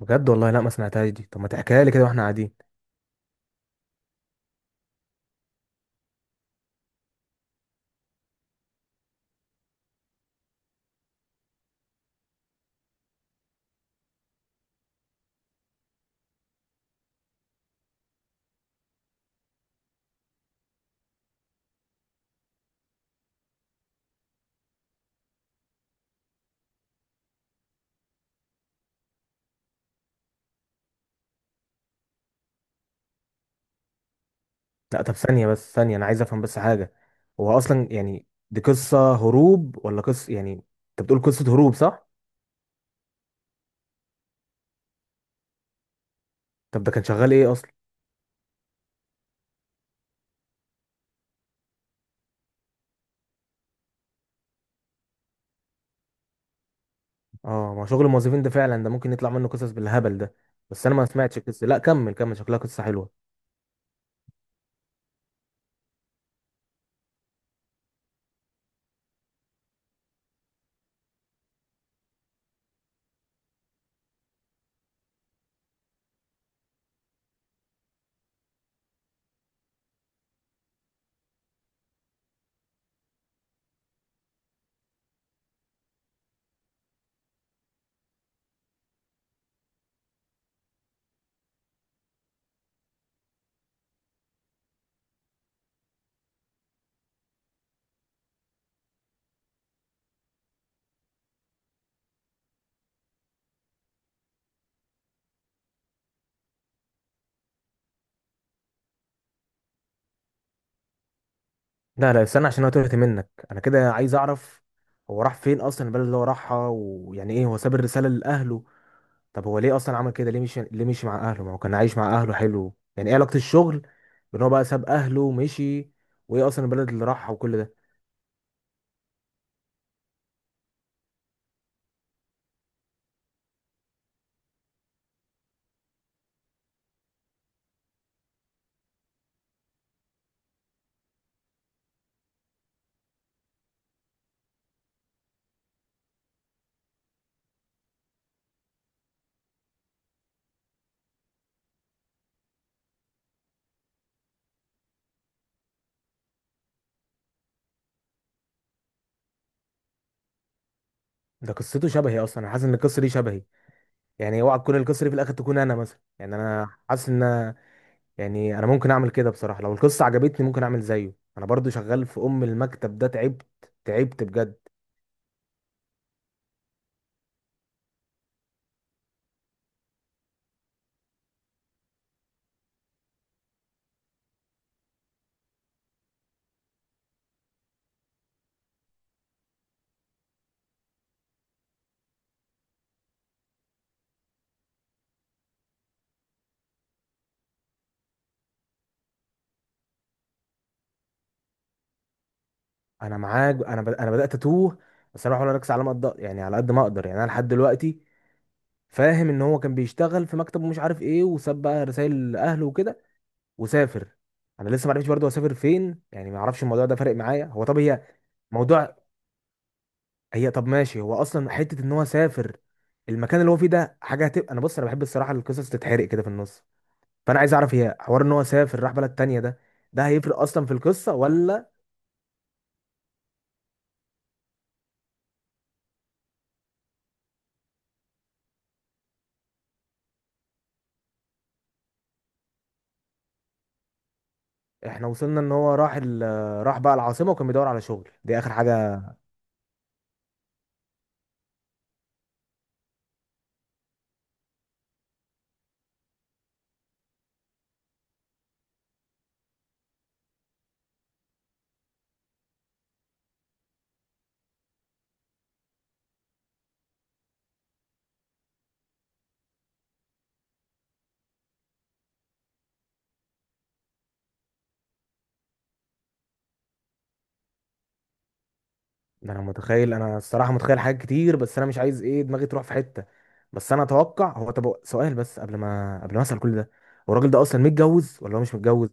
بجد والله، لا ما سمعتهاش دي. طب ما تحكيها لي كده واحنا قاعدين. لا طب ثانية، بس ثانية، انا عايز افهم بس حاجة. هو اصلا يعني دي قصة هروب ولا قصة يعني؟ انت بتقول قصة هروب صح؟ طب ده كان شغال ايه اصلا؟ اه، ما شغل الموظفين ده فعلا ده ممكن يطلع منه قصص بالهبل ده. بس انا ما سمعتش القصة. لا كمل كمل، شكلها قصة حلوة. لا لا استنى، عشان انا تهت منك. انا كده عايز اعرف، هو راح فين اصلا؟ البلد اللي هو راحها ويعني ايه هو ساب الرسالة لاهله؟ طب هو ليه اصلا عمل كده؟ ليه مشي مع اهله؟ ما هو كان عايش مع اهله حلو، يعني ايه علاقة الشغل بان هو بقى ساب اهله ومشي؟ وايه اصلا البلد اللي راحها وكل ده؟ ده قصته شبهي اصلا، انا حاسس ان القصه دي شبهي. يعني اوعى تكون القصه دي في الاخر تكون انا مثلا، يعني انا حاسس ان، يعني انا ممكن اعمل كده بصراحه. لو القصه عجبتني ممكن اعمل زيه. انا برضو شغال في المكتب ده. تعبت، تعبت بجد. انا معاك، انا انا بدات اتوه. بس انا بحاول اركز على ما اقدر، يعني على قد ما اقدر. يعني انا لحد دلوقتي فاهم ان هو كان بيشتغل في مكتب ومش عارف ايه، وساب بقى رسائل لاهله وكده وسافر. انا لسه ما عرفتش برضه اسافر فين، يعني ما اعرفش الموضوع ده فارق معايا. هو طب هي موضوع، هي طب ماشي، هو اصلا حته ان هو سافر المكان اللي هو فيه ده حاجه هتبقى؟ انا بص انا بحب الصراحه، القصص تتحرق كده في النص. فانا عايز اعرف، هي حوار ان هو سافر راح بلد تانية ده، ده هيفرق اصلا في القصه ولا؟ احنا وصلنا ان هو راح ال... راح بقى العاصمه وكان بيدور على شغل، دي اخر حاجه. ده انا متخيل، انا الصراحه متخيل حاجات كتير، بس انا مش عايز ايه دماغي تروح في حته. بس انا اتوقع هو، طب سؤال بس قبل ما اسال كل ده، هو الراجل ده اصلا متجوز ولا هو مش متجوز؟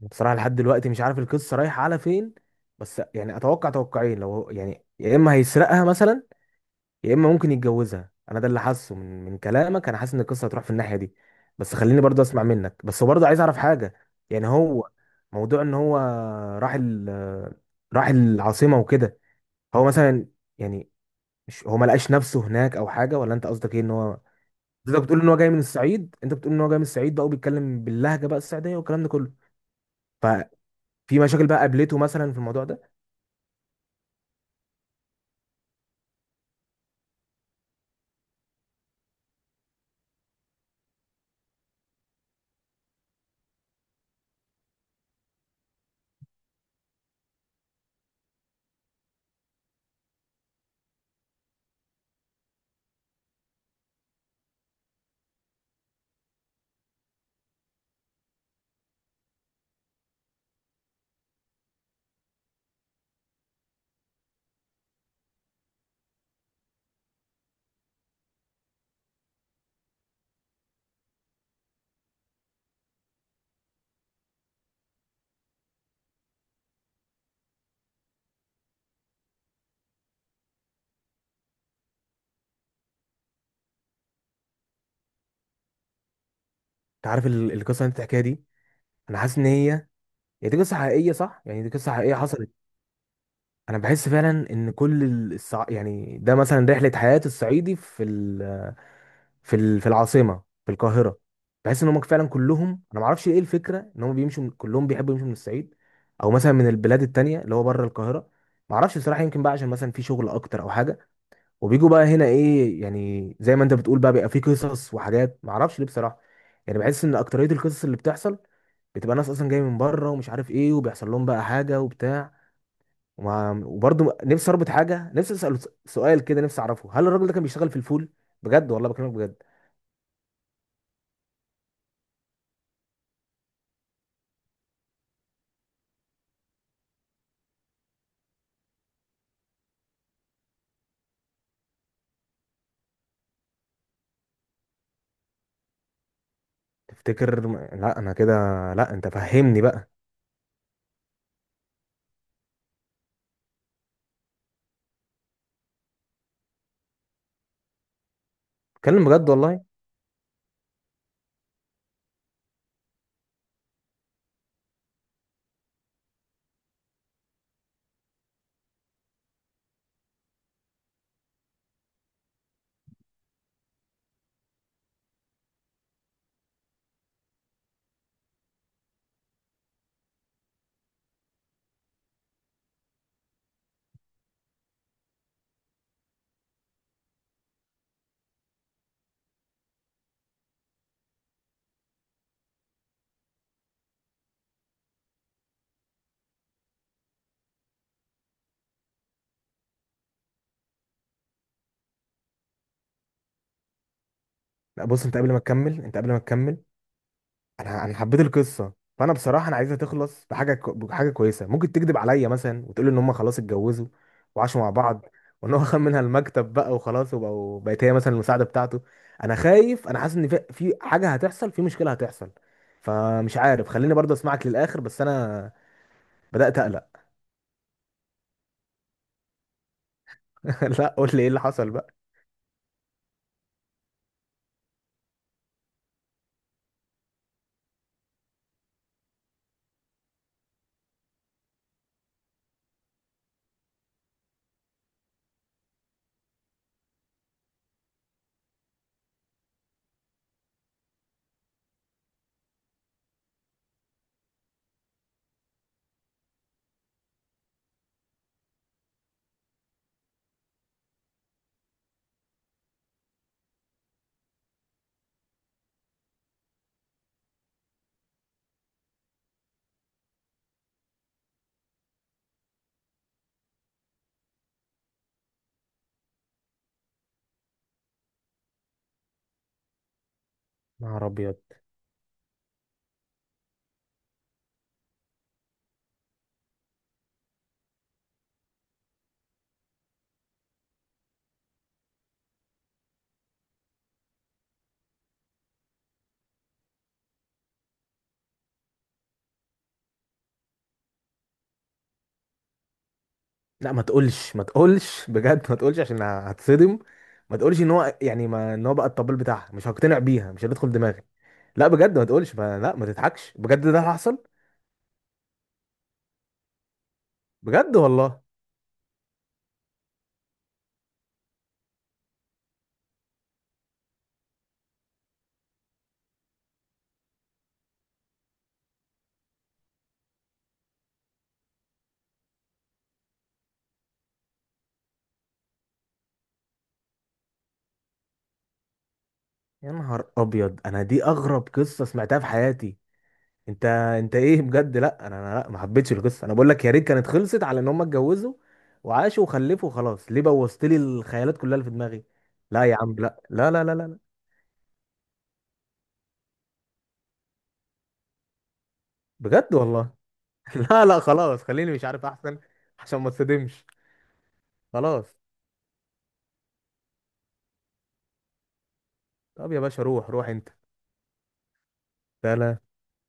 انا بصراحه لحد دلوقتي مش عارف القصه رايحه على فين، بس يعني اتوقع توقعين. لو يعني يا اما هيسرقها مثلا، يا اما ممكن يتجوزها. انا ده اللي حاسه من كلامك، انا حاسس ان القصه هتروح في الناحيه دي، بس خليني برضه اسمع منك. بس برضه عايز اعرف حاجه، يعني هو موضوع ان هو راح ال راح العاصمه وكده، هو مثلا يعني مش هو ما لقاش نفسه هناك او حاجه؟ ولا انت قصدك ايه ان هو؟ انت بتقول ان هو جاي من الصعيد، انت بتقول ان هو جاي من الصعيد بقى وبيتكلم باللهجه بقى الصعيديه والكلام ده كله، ففي مشاكل بقى قابلته مثلا في الموضوع ده؟ انت عارف القصه اللي انت بتحكيها دي، انا حاسس ان هي، هي دي قصه حقيقيه صح؟ يعني دي قصه حقيقيه حصلت؟ انا بحس فعلا ان كل يعني ده مثلا رحله حياه الصعيدي في في العاصمه، في القاهره. بحس ان هم فعلا كلهم، انا ما اعرفش ايه الفكره ان هم بيمشوا من... كلهم بيحبوا يمشوا من الصعيد، او مثلا من البلاد التانية اللي هو بره القاهره. ما اعرفش بصراحه، يمكن بقى عشان مثلا في شغل اكتر او حاجه، وبيجوا بقى هنا ايه يعني زي ما انت بتقول بقى، بيبقى في قصص وحاجات. ما اعرفش ليه بصراحه، يعني بحس ان اكتريه القصص اللي بتحصل بتبقى ناس اصلا جايه من بره ومش عارف ايه، وبيحصل لهم بقى حاجه وبتاع. وبرضه نفسي اربط حاجه، نفسي اساله سؤال كده، نفسي اعرفه هل الراجل ده كان بيشتغل في الفول؟ بجد والله، بكلمك بجد. لا انا كده، لا انت فهمني بقى. اتكلم بجد والله. لا بص، انت قبل ما تكمل، انت قبل ما تكمل، انا انا حبيت القصه. فانا بصراحه انا عايزها تخلص بحاجه كويسه. ممكن تكذب عليا مثلا وتقول ان هم خلاص اتجوزوا وعاشوا مع بعض، وان هو خد منها المكتب بقى وخلاص، وبقوا بقت هي مثلا المساعده بتاعته. انا خايف، انا حاسس ان في في حاجه هتحصل، في مشكله هتحصل. فمش عارف، خليني برضه اسمعك للاخر، بس انا بدات اقلق. لا قول لي ايه اللي حصل بقى. يا نهار ابيض، لا ما تقولش، ما تقولش. بجد ما تقولش عشان هتصدم. ما تقولش ان هو يعني، ما ان هو بقى الطبيب بتاعها، مش هقتنع بيها، مش هتدخل دماغي. لا بجد ما تقولش، ما تضحكش بجد، ده اللي حصل؟ بجد والله؟ يا نهار ابيض، انا دي اغرب قصه سمعتها في حياتي. انت، انت ايه بجد؟ لا انا لا ما حبيتش القصه، انا بقول لك يا ريت كانت خلصت على ان هم اتجوزوا وعاشوا وخلفوا وخلاص. ليه بوظت لي الخيالات كلها اللي في دماغي؟ لا يا عم، لا. بجد والله. لا لا خلاص، خليني مش عارف احسن عشان ما تصدمش. خلاص. طب يا باشا روح روح انت. لا لا